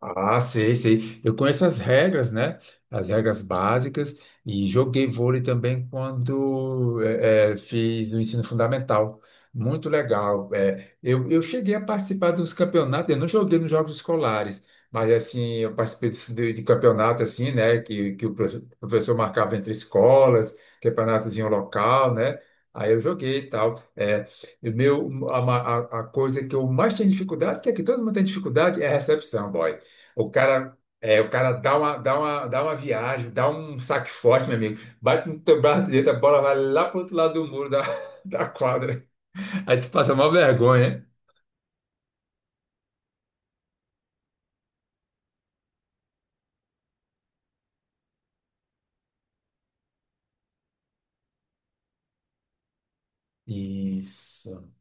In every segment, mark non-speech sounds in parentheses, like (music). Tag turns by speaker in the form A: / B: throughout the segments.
A: Ah, sei, sei. Eu conheço as regras, né? As regras básicas e joguei vôlei também quando fiz o ensino fundamental. Muito legal. Eu cheguei a participar dos campeonatos, eu não joguei nos jogos escolares, mas assim, eu participei de campeonato assim, né? Que o professor marcava entre escolas, campeonatozinho local, né? Aí eu joguei e tal. Eh, o meu, a, ma- a coisa que eu mais tenho dificuldade, que é que todo mundo tem dificuldade, é a recepção, boy. O cara dá uma viagem, dá um saque forte, meu amigo. Bate no teu braço direito, a bola vai lá pro outro lado do muro da, (laughs) da quadra. Aí te passa uma vergonha, né? Isso,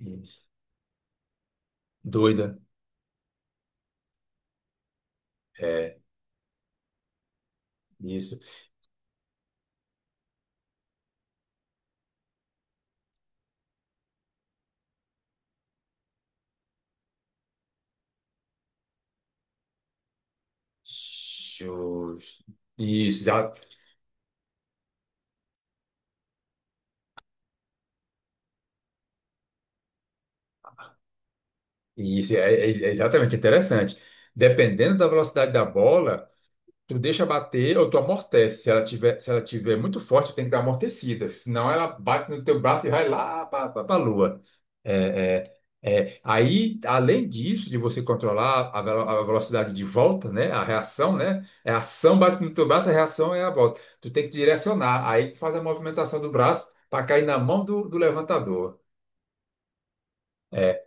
A: isso. Doida. É, isso. Justo. Isso, já, isso, é exatamente interessante. Dependendo da velocidade da bola. Tu deixa bater ou tu amortece. Se ela tiver muito forte, tem que dar amortecida. Senão ela bate no teu braço e vai lá para a lua. É, é, é. Aí, além disso, de você controlar a velocidade de volta, né? A reação, né? É a ação bate no teu braço, a reação é a volta. Tu tem que direcionar. Aí tu faz a movimentação do braço para cair na mão do levantador. É.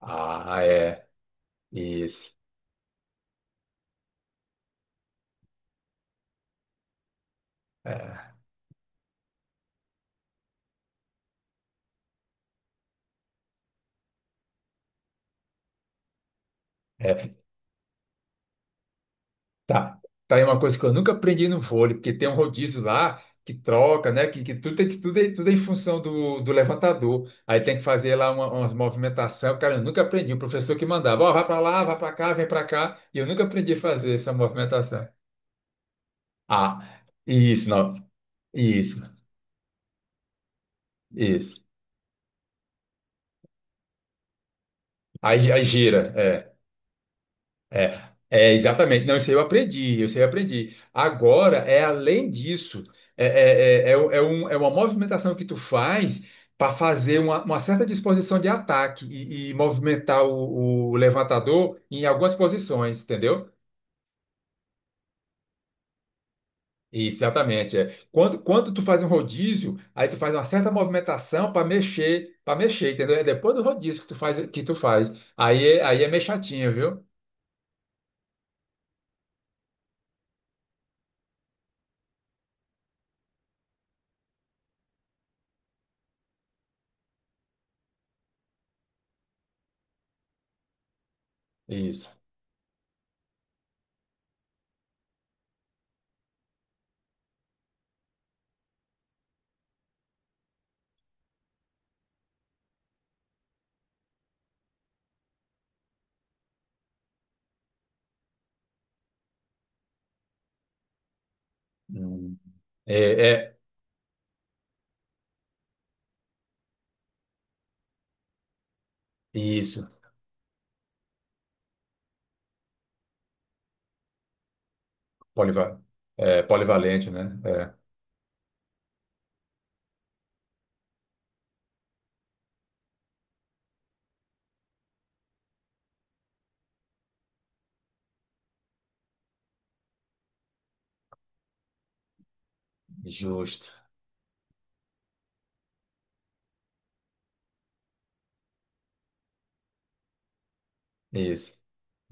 A: Ah, é. Isso. É. É. Tá. Tá aí uma coisa que eu nunca aprendi no vôlei, porque tem um rodízio lá que troca, né? Que tudo, tem que tudo é em função do levantador. Aí tem que fazer lá umas movimentação. Cara, eu nunca aprendi. O professor que mandava, ó, vai pra lá, vai pra cá, vem pra cá. E eu nunca aprendi a fazer essa movimentação. Ah, isso, não. Isso, isso. Aí gira, é. É, é, exatamente. Não, isso aí eu aprendi, isso aí eu aprendi. Agora, é além disso, é, é uma movimentação que tu faz para fazer uma, certa disposição de ataque e movimentar o levantador em algumas posições, entendeu? Exatamente. É. Quando tu faz um rodízio, aí tu faz uma certa movimentação para mexer, entendeu? É depois do rodízio que tu faz, que tu faz. Aí, aí é meio chatinho, viu? Isso. Hum. É, é, isso. Poliva- polivalente, né? É, justo. Isso,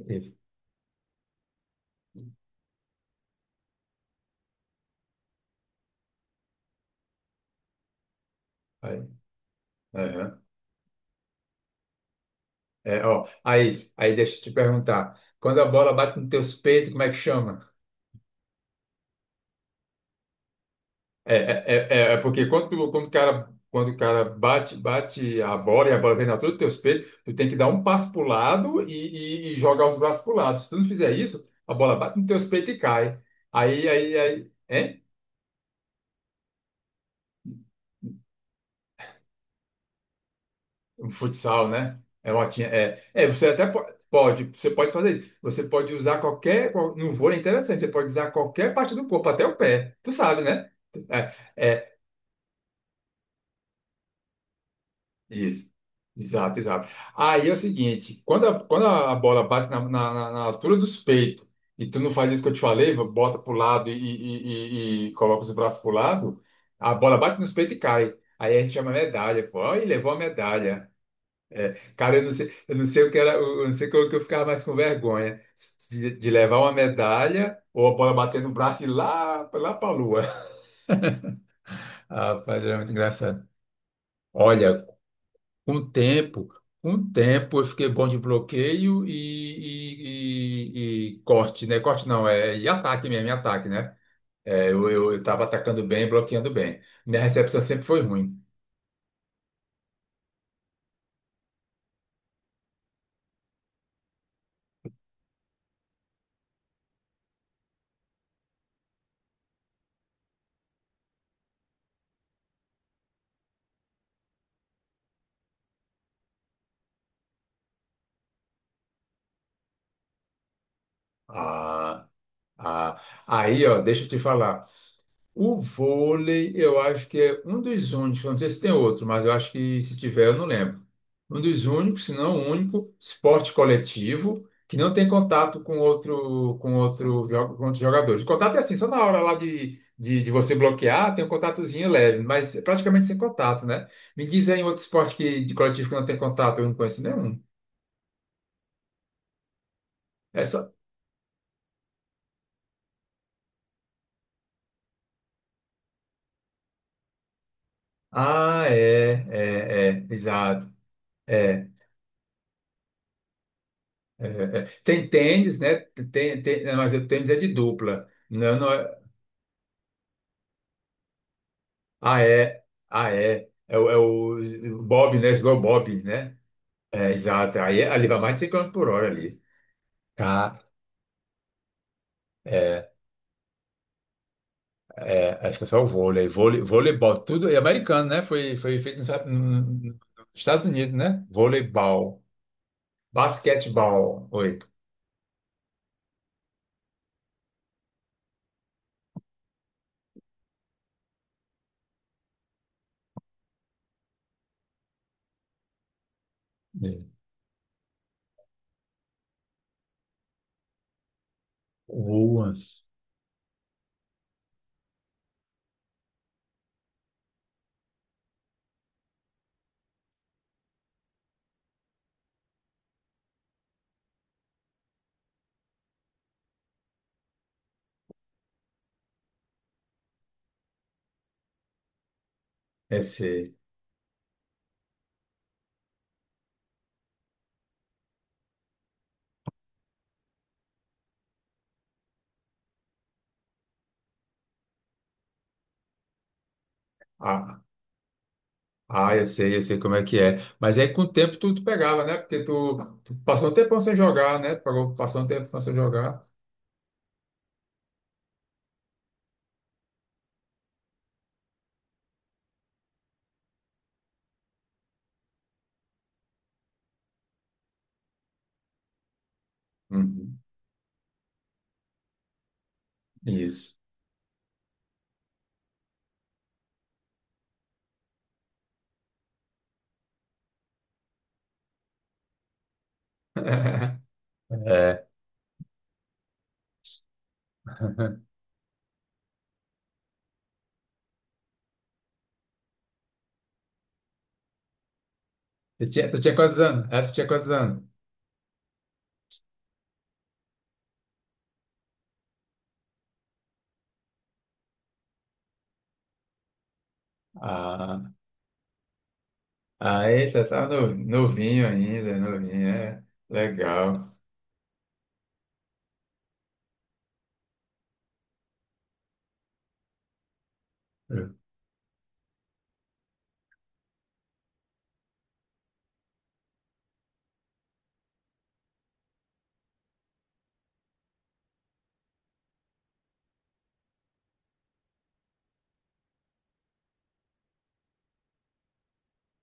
A: isso. Aí, aham. É, ó, aí deixa eu te perguntar. Quando a bola bate nos teus peitos, como é que chama? É, é, é porque quando o cara bate, bate a bola e a bola vem na altura dos teus peitos, tu tem que dar um passo pro lado e, e jogar os braços pro lado. Se tu não fizer isso, a bola bate nos teus peitos e cai. Aí. Hein? Futsal, né? É latinha. É você até você pode fazer isso. Você pode usar qualquer. No vôlei é interessante, você pode usar qualquer parte do corpo, até o pé. Tu sabe, né? É, é isso. Exato, exato. Aí é o seguinte, quando a, bola bate na altura dos peitos e tu não faz isso que eu te falei, bota pro lado e, e coloca os braços pro lado, a bola bate nos peitos e cai. Aí a gente chama medalha, pô. Aí levou a medalha. Cara, eu não sei o que era, eu não sei o que eu ficava mais com vergonha de levar uma medalha ou a bola bater no braço e ir lá pra lua. (laughs) Ah, rapaz, era muito engraçado. Olha, com o tempo, com o tempo eu fiquei bom de bloqueio e corte, né? Corte não, é e ataque mesmo, e ataque, né? É, eu tava atacando bem, bloqueando bem. Minha recepção sempre foi ruim. Ah, ah. Aí, ó, deixa eu te falar. O vôlei, eu acho que é um dos únicos, eu não sei se tem outro, mas eu acho que se tiver, eu não lembro. Um dos únicos, se não o único, esporte coletivo que não tem contato com outros jogadores. O contato é assim, só na hora lá de você bloquear, tem um contatozinho leve, mas é praticamente sem contato, né? Me diz aí um outro esporte que, de coletivo que não tem contato, eu não conheço nenhum. É só. Ah, é, é, é, exato. É. É, é. É. Tem tênis, né? Tem, tem, não, mas o tênis é de dupla. Não, não é. Ah, é. Ah, é. É o Bob, né? Slow Bob, né? É, exato. Aí ali vai mais de 100 km por hora ali. Tá. É, é, acho que é só o vôlei. Vôlei, voleibol, tudo. É americano, né? Foi feito nos, no- no- nos Estados Unidos, né? Voleibol. Basquetebol. Oi. É. Boa. Esse. Ah, eu sei como é que é. Mas aí com o tempo tu pegava, né? Porque tu passou um tempão sem jogar, né? Passou um tempo sem jogar. Uhum. Isso. (laughs) É. Tu tinha quantos anos? É, tu tinha quantos anos? Ah, aí você tá novinho ainda, novinho, é. Legal.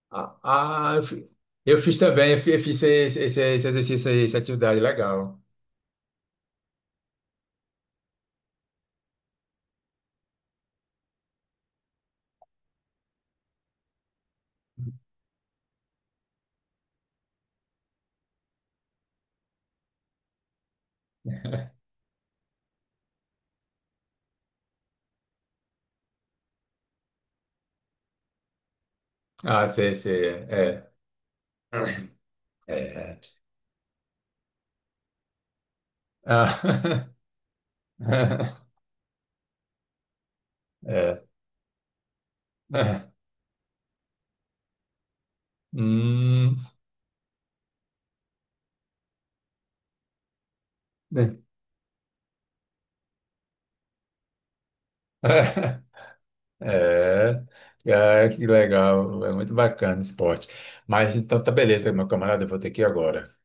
A: Ah, ah, eu fiz, também, eu fi- eu fiz, esse exercício aí, essa atividade, legal. Ah, sei, sei, é. É. É. Ah, (laughs) é. É. Hum. (laughs) Né? É, é, que legal, é muito bacana o esporte. Mas então tá beleza, meu camarada, eu vou ter que ir agora.